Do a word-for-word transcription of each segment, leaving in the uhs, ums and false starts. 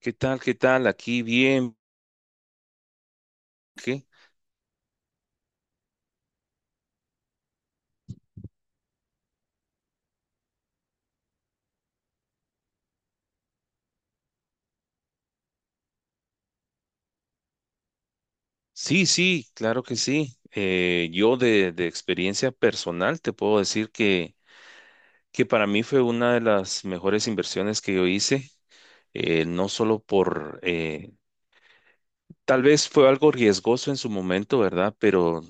¿Qué tal? ¿Qué tal? Aquí bien. ¿Qué? Sí, sí, claro que sí. Eh, yo de, de experiencia personal te puedo decir que, que para mí fue una de las mejores inversiones que yo hice, eh, no solo por, eh, Tal vez fue algo riesgoso en su momento, ¿verdad? Pero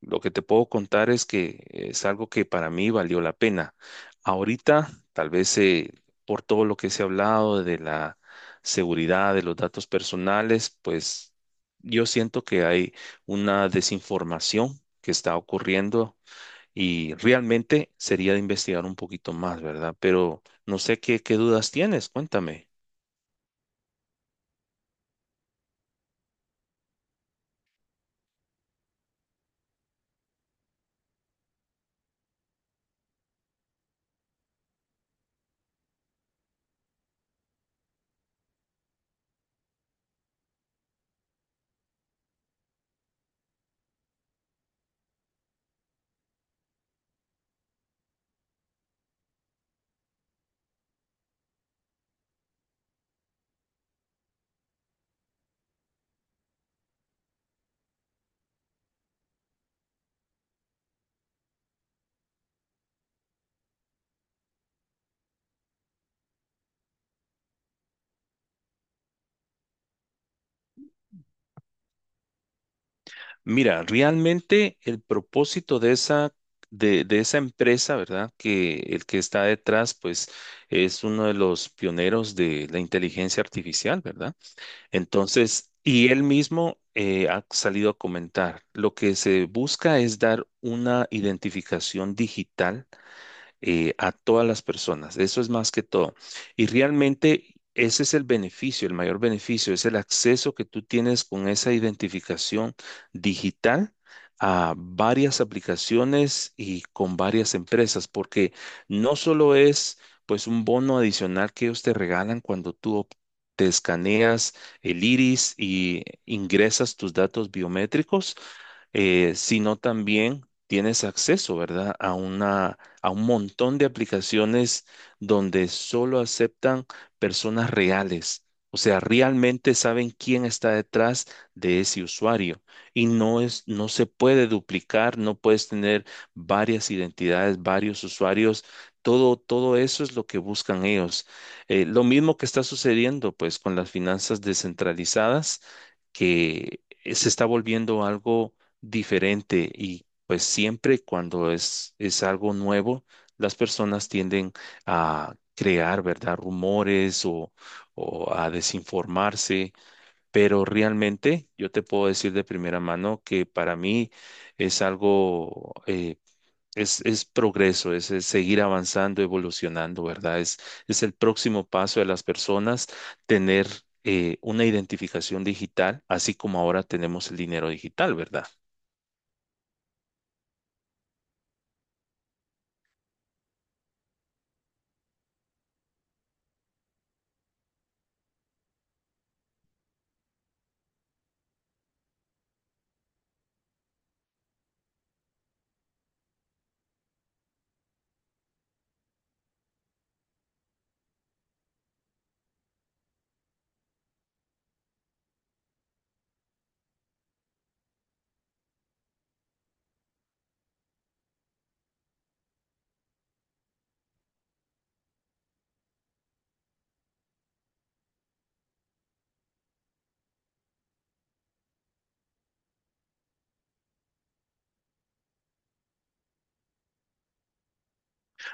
lo que te puedo contar es que es algo que para mí valió la pena. Ahorita, tal vez eh, por todo lo que se ha hablado de la seguridad de los datos personales, pues yo siento que hay una desinformación que está ocurriendo y realmente sería de investigar un poquito más, ¿verdad? Pero no sé qué, qué dudas tienes, cuéntame. Mira, realmente el propósito de esa, de, de esa empresa, ¿verdad? Que el que está detrás, pues es uno de los pioneros de la inteligencia artificial, ¿verdad? Entonces, y él mismo eh, ha salido a comentar, lo que se busca es dar una identificación digital eh, a todas las personas. Eso es más que todo. Y realmente ese es el beneficio, el mayor beneficio, es el acceso que tú tienes con esa identificación digital a varias aplicaciones y con varias empresas, porque no solo es pues un bono adicional que ellos te regalan cuando tú op- te escaneas el iris y ingresas tus datos biométricos, eh, sino también tienes acceso, ¿verdad? A una, a un montón de aplicaciones donde solo aceptan personas reales. O sea, realmente saben quién está detrás de ese usuario y no es, no se puede duplicar, no puedes tener varias identidades, varios usuarios. Todo, todo eso es lo que buscan ellos. Eh, lo mismo que está sucediendo, pues, con las finanzas descentralizadas, que eh, se está volviendo algo diferente y pues siempre cuando es, es algo nuevo, las personas tienden a crear, ¿verdad? Rumores o, o a desinformarse, pero realmente yo te puedo decir de primera mano que para mí es algo, eh, es, es progreso, es, es seguir avanzando, evolucionando, ¿verdad? Es, es el próximo paso de las personas tener... eh, una identificación digital, así como ahora tenemos el dinero digital, ¿verdad?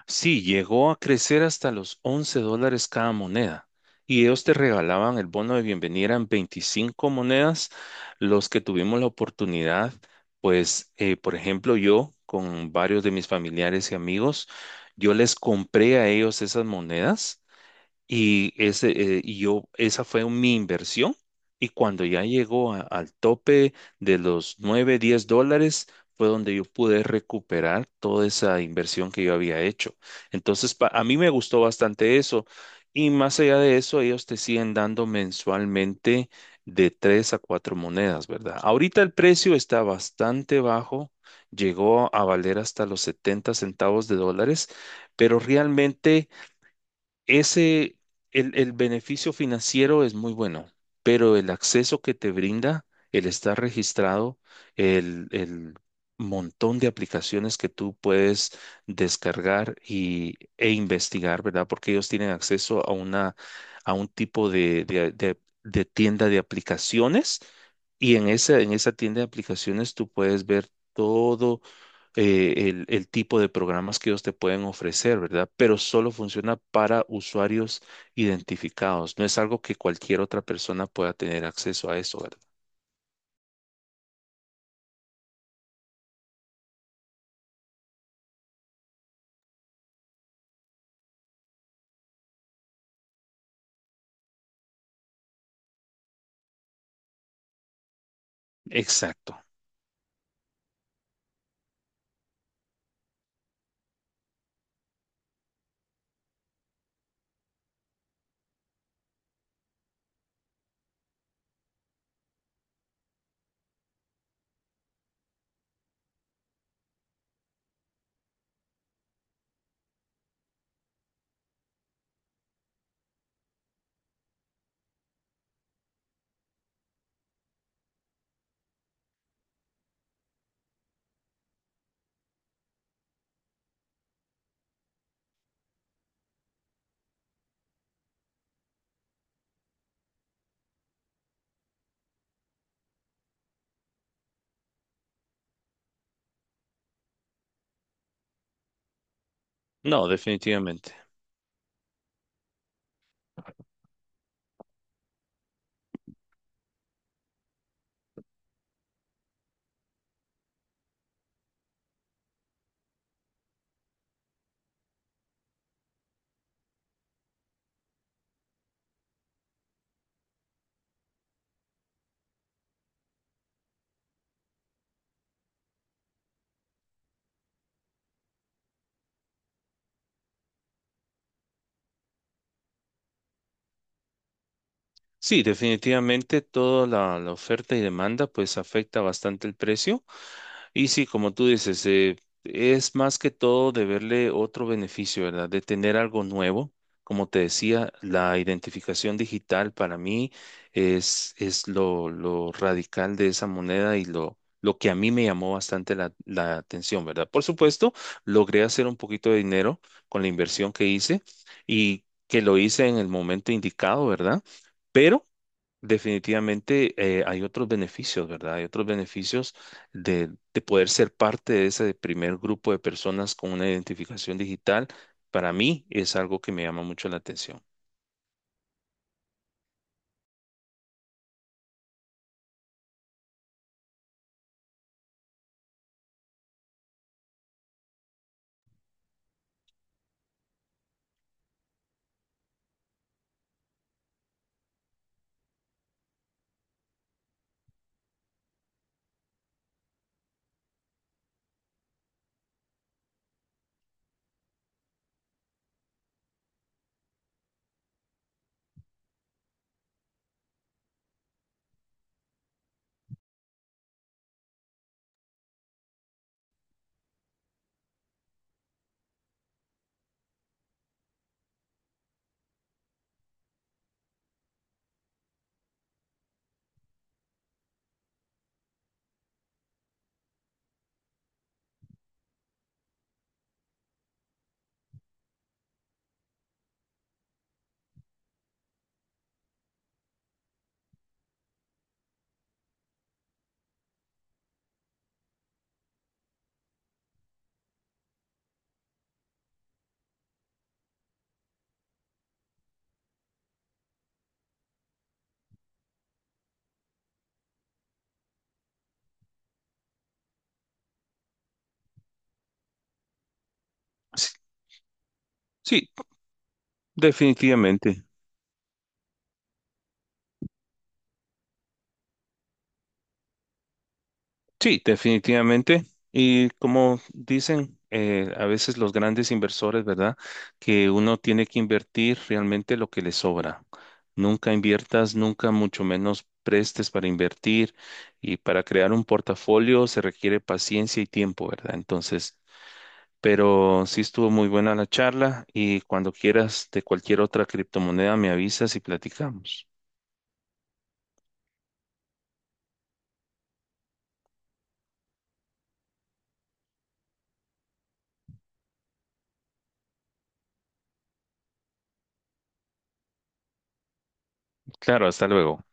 Sí, llegó a crecer hasta los once dólares cada moneda. Y ellos te regalaban el bono de bienvenida en veinticinco monedas. Los que tuvimos la oportunidad, pues, eh, por ejemplo, yo con varios de mis familiares y amigos, yo les compré a ellos esas monedas y, ese, eh, y yo, esa fue mi inversión. Y cuando ya llegó a- al tope de los nueve diez dólares, fue donde yo pude recuperar toda esa inversión que yo había hecho. Entonces, pa- a mí me gustó bastante eso. Y más allá de eso, ellos te siguen dando mensualmente de tres a cuatro monedas, ¿verdad? Ahorita el precio está bastante bajo. Llegó a valer hasta los setenta centavos de dólares, pero realmente ese, el, el beneficio financiero es muy bueno, pero el acceso que te brinda, el estar registrado, el, el montón de aplicaciones que tú puedes descargar y, e investigar, ¿verdad? Porque ellos tienen acceso a una, a un tipo de, de, de de tienda de aplicaciones. Y en esa, en esa tienda de aplicaciones tú puedes ver todo eh, el, el tipo de programas que ellos te pueden ofrecer, ¿verdad? Pero solo funciona para usuarios identificados. No es algo que cualquier otra persona pueda tener acceso a eso, ¿verdad? Exacto. No, definitivamente. Sí, definitivamente toda la, la oferta y demanda pues afecta bastante el precio. Y sí, como tú dices, eh, es más que todo de verle otro beneficio, ¿verdad? De tener algo nuevo. Como te decía, la identificación digital para mí es, es lo, lo radical de esa moneda y lo, lo que a mí me llamó bastante la, la atención, ¿verdad? Por supuesto, logré hacer un poquito de dinero con la inversión que hice y que lo hice en el momento indicado, ¿verdad? Pero definitivamente eh, hay otros beneficios, ¿verdad? Hay otros beneficios de, de poder ser parte de ese primer grupo de personas con una identificación digital. Para mí es algo que me llama mucho la atención. Sí, sí, definitivamente. Sí, definitivamente. Y como dicen eh, a veces los grandes inversores, ¿verdad? Que uno tiene que invertir realmente lo que le sobra. Nunca inviertas, nunca mucho menos prestes para invertir. Y para crear un portafolio se requiere paciencia y tiempo, ¿verdad? Entonces, pero sí estuvo muy buena la charla y cuando quieras de cualquier otra criptomoneda me avisas y platicamos. Claro, hasta luego.